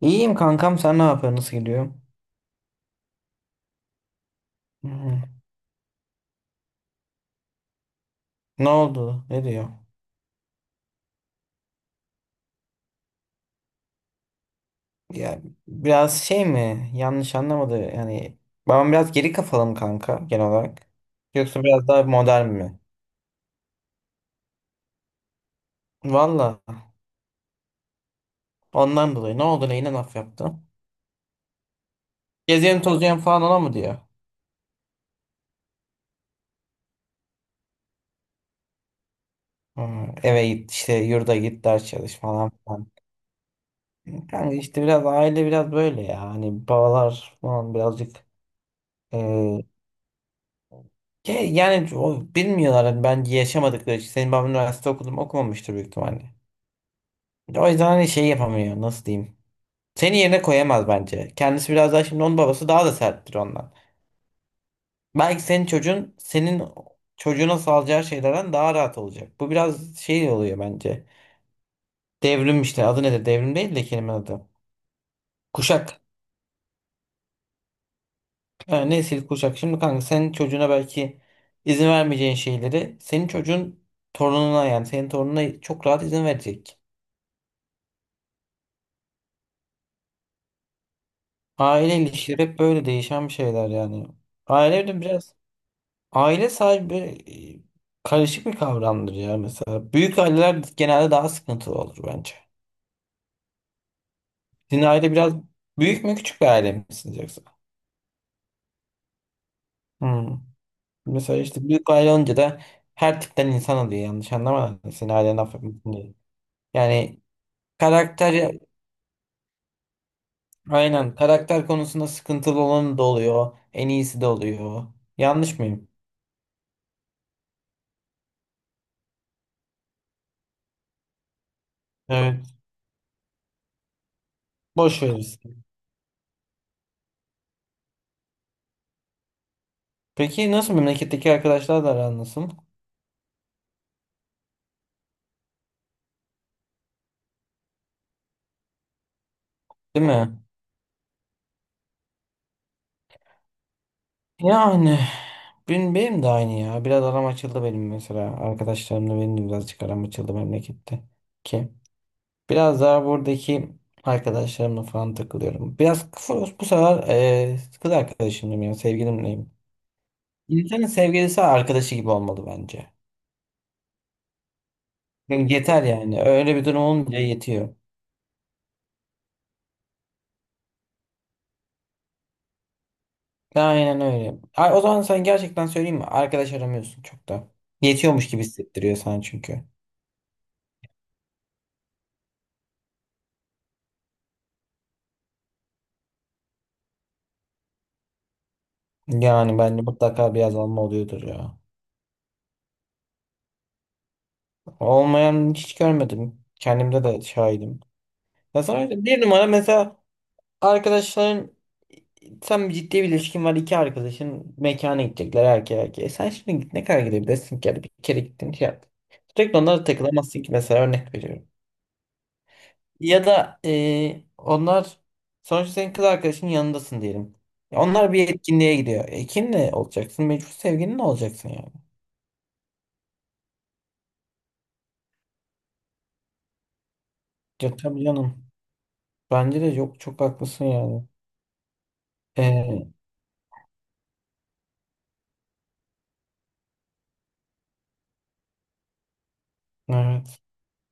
İyiyim kankam, sen ne yapıyorsun? Nasıl gidiyor? Hmm. Ne oldu? Ne diyor? Ya biraz şey mi? Yanlış anlamadı. Yani babam biraz geri kafalı mı kanka genel olarak? Yoksa biraz daha modern mi? Valla ondan dolayı ne oldu, neyine laf yaptı? Gezelim tozayım falan ona mı diyor? Hmm, eve git işte, yurda git, ders çalış falan filan. Kanka işte biraz aile biraz böyle ya. Hani babalar falan birazcık yani o, bilmiyorlar hani ben yaşamadıkları için. Senin baban üniversite okudum okumamıştır büyük ihtimalle. O yüzden hani şey yapamıyor, nasıl diyeyim. Seni yerine koyamaz bence. Kendisi biraz daha şimdi, onun babası daha da serttir ondan. Belki senin çocuğun senin çocuğuna sağlayacağı şeylerden daha rahat olacak. Bu biraz şey oluyor bence. Devrim işte, adı nedir? Devrim değil de kelime adı. Kuşak. Ha, nesil kuşak. Şimdi kanka senin çocuğuna belki izin vermeyeceğin şeyleri senin çocuğun torununa, yani senin torununa çok rahat izin verecek. Aile ilişkileri hep böyle değişen bir şeyler yani. Aile de biraz, aile sahibi karışık bir kavramdır ya mesela. Büyük aileler genelde daha sıkıntılı olur bence. Sizin aile biraz büyük mü, küçük bir aile misiniz yoksa? Hmm. Mesela işte büyük aile olunca da her tipten insan oluyor, yanlış anlama. Senin ailen affetmesin diye. Yani karakter, aynen karakter konusunda sıkıntılı olan da oluyor. En iyisi de oluyor. Yanlış mıyım? Evet. Boş verirsin. Peki nasıl, memleketteki arkadaşlar da aran nasıl? Değil mi? Yani benim de aynı ya. Biraz aram açıldı benim mesela. Arkadaşlarımla benim de birazcık aram açıldı memlekette. Ki biraz daha buradaki arkadaşlarımla falan takılıyorum. Bu sefer kız arkadaşımla, yani sevgilimleyim. İnsanın sevgilisi arkadaşı gibi olmalı bence. Yani yeter yani. Öyle bir durum olunca yetiyor. Aynen öyle. Ay, o zaman sen gerçekten, söyleyeyim mi? Arkadaş aramıyorsun çok da. Yetiyormuş gibi hissettiriyor sana çünkü. Yani bence mutlaka bir azalma oluyordur ya. Olmayan hiç görmedim. Kendimde de şahidim. Ya sonra bir numara mesela, arkadaşların, sen bir ciddi bir ilişkin var, iki arkadaşın mekana gidecekler erkeğe erkeğe. E sen şimdi git, ne kadar gidebilirsin ki? Yani bir kere gittin şey yap. Sürekli onlara takılamazsın ki, mesela örnek veriyorum. Ya da onlar, sonuçta senin kız arkadaşının yanındasın diyelim. Ya onlar bir etkinliğe gidiyor. E kimle olacaksın? Mecbur sevgilinle olacaksın yani. Ya tabii canım. Bence de yok, çok haklısın yani. Ee, evet.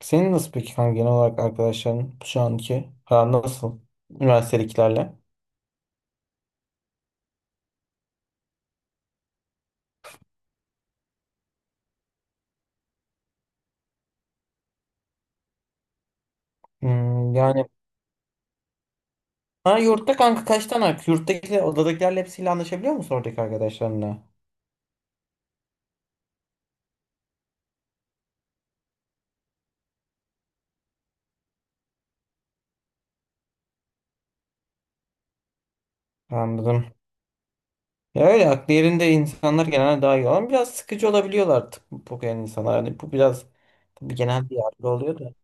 Senin nasıl peki kanka, genel olarak arkadaşların şu anki aran nasıl? Üniversitedekilerle. Hmm, yani ha, yurtta kanka kaç tane arkadaş? Yurttakiler, odadakilerle hepsiyle anlaşabiliyor musun oradaki arkadaşlarınla? Anladım. Ya öyle aklı yerinde insanlar genelde daha iyi olan biraz sıkıcı olabiliyorlar, bu genel insanlar. Yani bu biraz, tabii genel bir yargı oluyor da.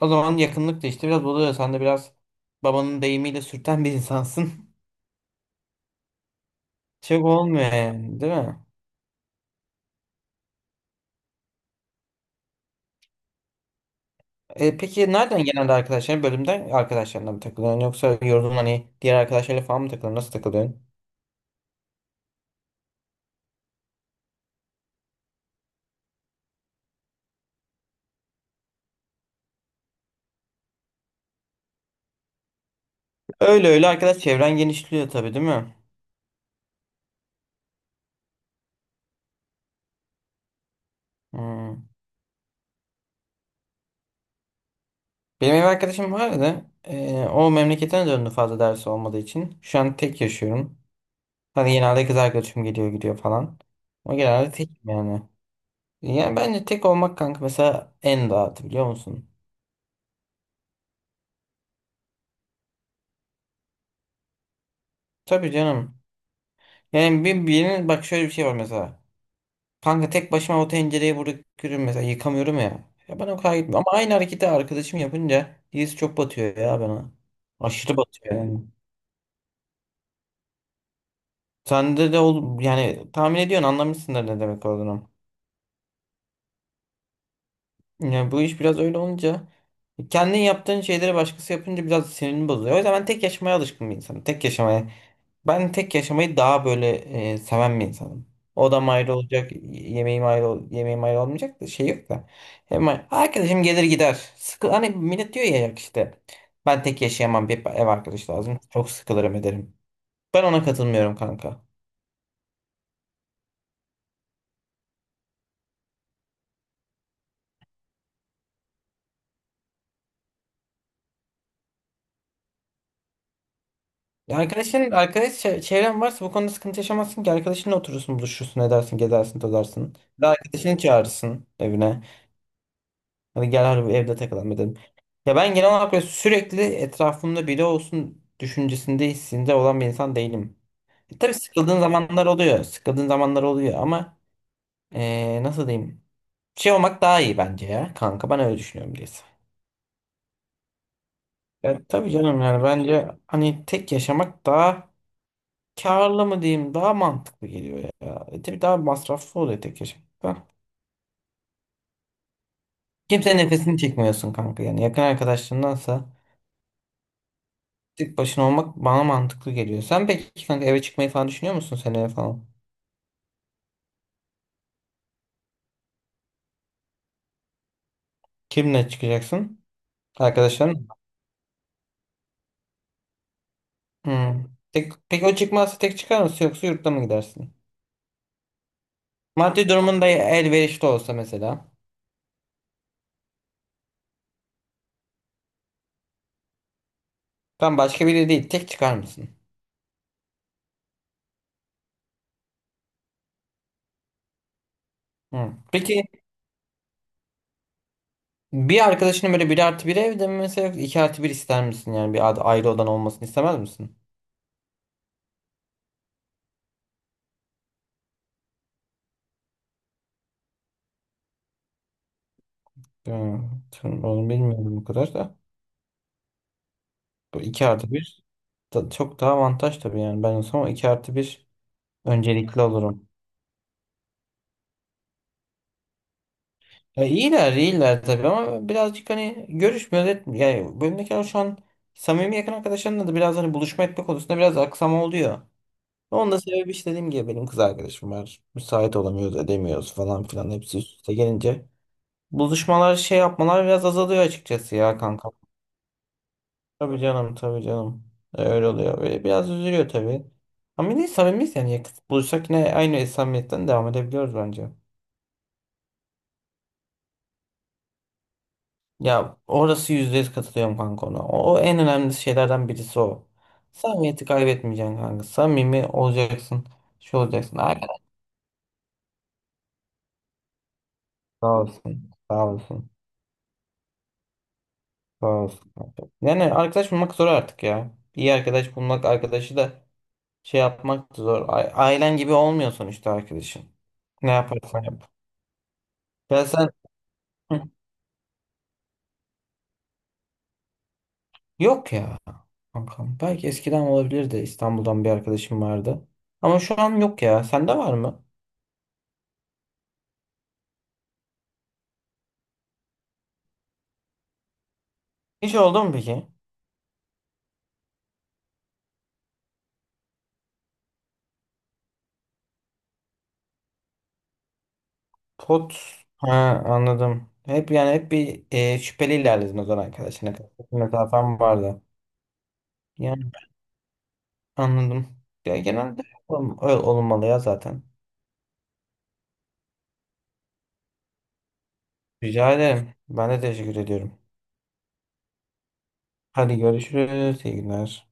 O zaman yakınlık da işte biraz buluyor. Sen de biraz babanın deyimiyle sürten bir insansın. Çok olmuyor yani değil mi? Peki nereden genelde arkadaşların, bölümden arkadaşlarına mı takılıyorsun, yoksa yorulun hani diğer arkadaşlarla falan mı takılıyorsun, nasıl takılıyorsun? Öyle öyle arkadaş çevren genişliyor tabii değil mi? Hmm. Benim ev arkadaşım vardı. O memleketine döndü fazla dersi olmadığı için. Şu an tek yaşıyorum. Hani genelde kız arkadaşım geliyor gidiyor falan. Ama genelde tekim yani. Yani bence tek olmak kanka mesela en rahatı, biliyor musun? Tabii canım. Yani birinin bak, şöyle bir şey var mesela. Kanka tek başıma o tencereyi bırakıyorum mesela, yıkamıyorum ya. Ya bana o kadar gitmiyor. Ama aynı hareketi arkadaşım yapınca his çok batıyor ya bana. Aşırı batıyor yani. Sende de ol yani, tahmin ediyorsun, anlamışsındır ne demek olduğunu. Yani bu iş biraz öyle olunca, kendin yaptığın şeyleri başkası yapınca biraz sinirini bozuyor. O yüzden ben tek yaşamaya alışkın bir insanım. Tek yaşamaya. Ben tek yaşamayı daha böyle seven bir insanım. Odam ayrı olacak, yemeğim ayrı, yemeğim ayrı olmayacak da şey yok da. Hemen arkadaşım gelir gider. Sıkı, hani millet diyor ya ya işte ben tek yaşayamam, bir ev arkadaş lazım, çok sıkılırım ederim. Ben ona katılmıyorum kanka. Ya arkadaş çevren varsa bu konuda sıkıntı yaşamazsın ki. Arkadaşınla oturursun, buluşursun, edersin, gezersin, tozarsın. Ve arkadaşını çağırırsın evine. Hani gel harbi evde takılalım dedim. Ya ben genel olarak böyle sürekli etrafımda biri olsun düşüncesinde, hissinde olan bir insan değilim. Tabii sıkıldığın zamanlar oluyor. Sıkıldığın zamanlar oluyor ama nasıl diyeyim? Şey olmak daha iyi bence ya kanka, ben öyle düşünüyorum diyorsun. Ya tabii canım, yani bence hani tek yaşamak daha karlı mı diyeyim, daha mantıklı geliyor ya. Tabii daha masraflı oluyor tek yaşamak da. Kimsenin nefesini çekmiyorsun kanka yani, yakın arkadaşlarındansa tek başına olmak bana mantıklı geliyor. Sen peki kanka eve çıkmayı falan düşünüyor musun seneye falan? Kimle çıkacaksın? Arkadaşların mı? Hmm. Tek, peki o çıkmazsa tek çıkar mısın yoksa yurtta mı gidersin? Maddi durumun da elverişli olsa mesela. Tam başka biri değil, tek çıkar mısın? Hmm. Peki bir arkadaşının, böyle bir artı bir evde mi mesela, yoksa iki artı bir ister misin? Yani bir ayrı odan olmasını istemez misin? Hmm. Onu bilmiyorum bu kadar da. Bu iki artı bir, çok daha avantaj tabii, yani ben olsam iki artı bir öncelikli olurum. Ya iyiler iyiler tabii, ama birazcık hani görüşmüyor etmiyor. Yani bölümdekiler şu an, samimi yakın arkadaşlarımla da biraz hani buluşma etme konusunda biraz aksama oluyor. Onun da sebebi işte dediğim gibi, benim kız arkadaşım var. Müsait olamıyoruz, edemiyoruz falan filan, hepsi üst üste gelince. Buluşmalar şey yapmalar biraz azalıyor açıkçası ya kanka. Tabii canım, tabii canım. Öyle oluyor. Böyle biraz üzülüyor tabii. Ama yine samimiyiz yani. Buluşsak yine aynı samimiyetten devam edebiliyoruz bence. Ya orası %100 katılıyorum kanka ona. O en önemli şeylerden birisi o. Samimiyeti kaybetmeyeceksin kanka. Samimi olacaksın. Şu olacaksın. Arkadaş sağ olsun. Sağ olsun. Sağ olsun kanka. Yani arkadaş bulmak zor artık ya. İyi arkadaş bulmak, arkadaşı da şey yapmak da zor. Ailen gibi olmuyor sonuçta arkadaşın. Ne yaparsan yap. Ya sen. Hı. Yok ya kankam. Belki eskiden olabilir de, İstanbul'dan bir arkadaşım vardı. Ama şu an yok ya. Sende var mı? Hiç oldu mu peki? Pot. Ha, anladım. Hep yani, hep bir şüpheli ilerledin o zaman arkadaşına karşı. Bir mesafen vardı. Yani anladım. Ya, genelde öyle olmalı ya zaten. Rica ederim. Ben de teşekkür ediyorum. Hadi görüşürüz. İyi günler.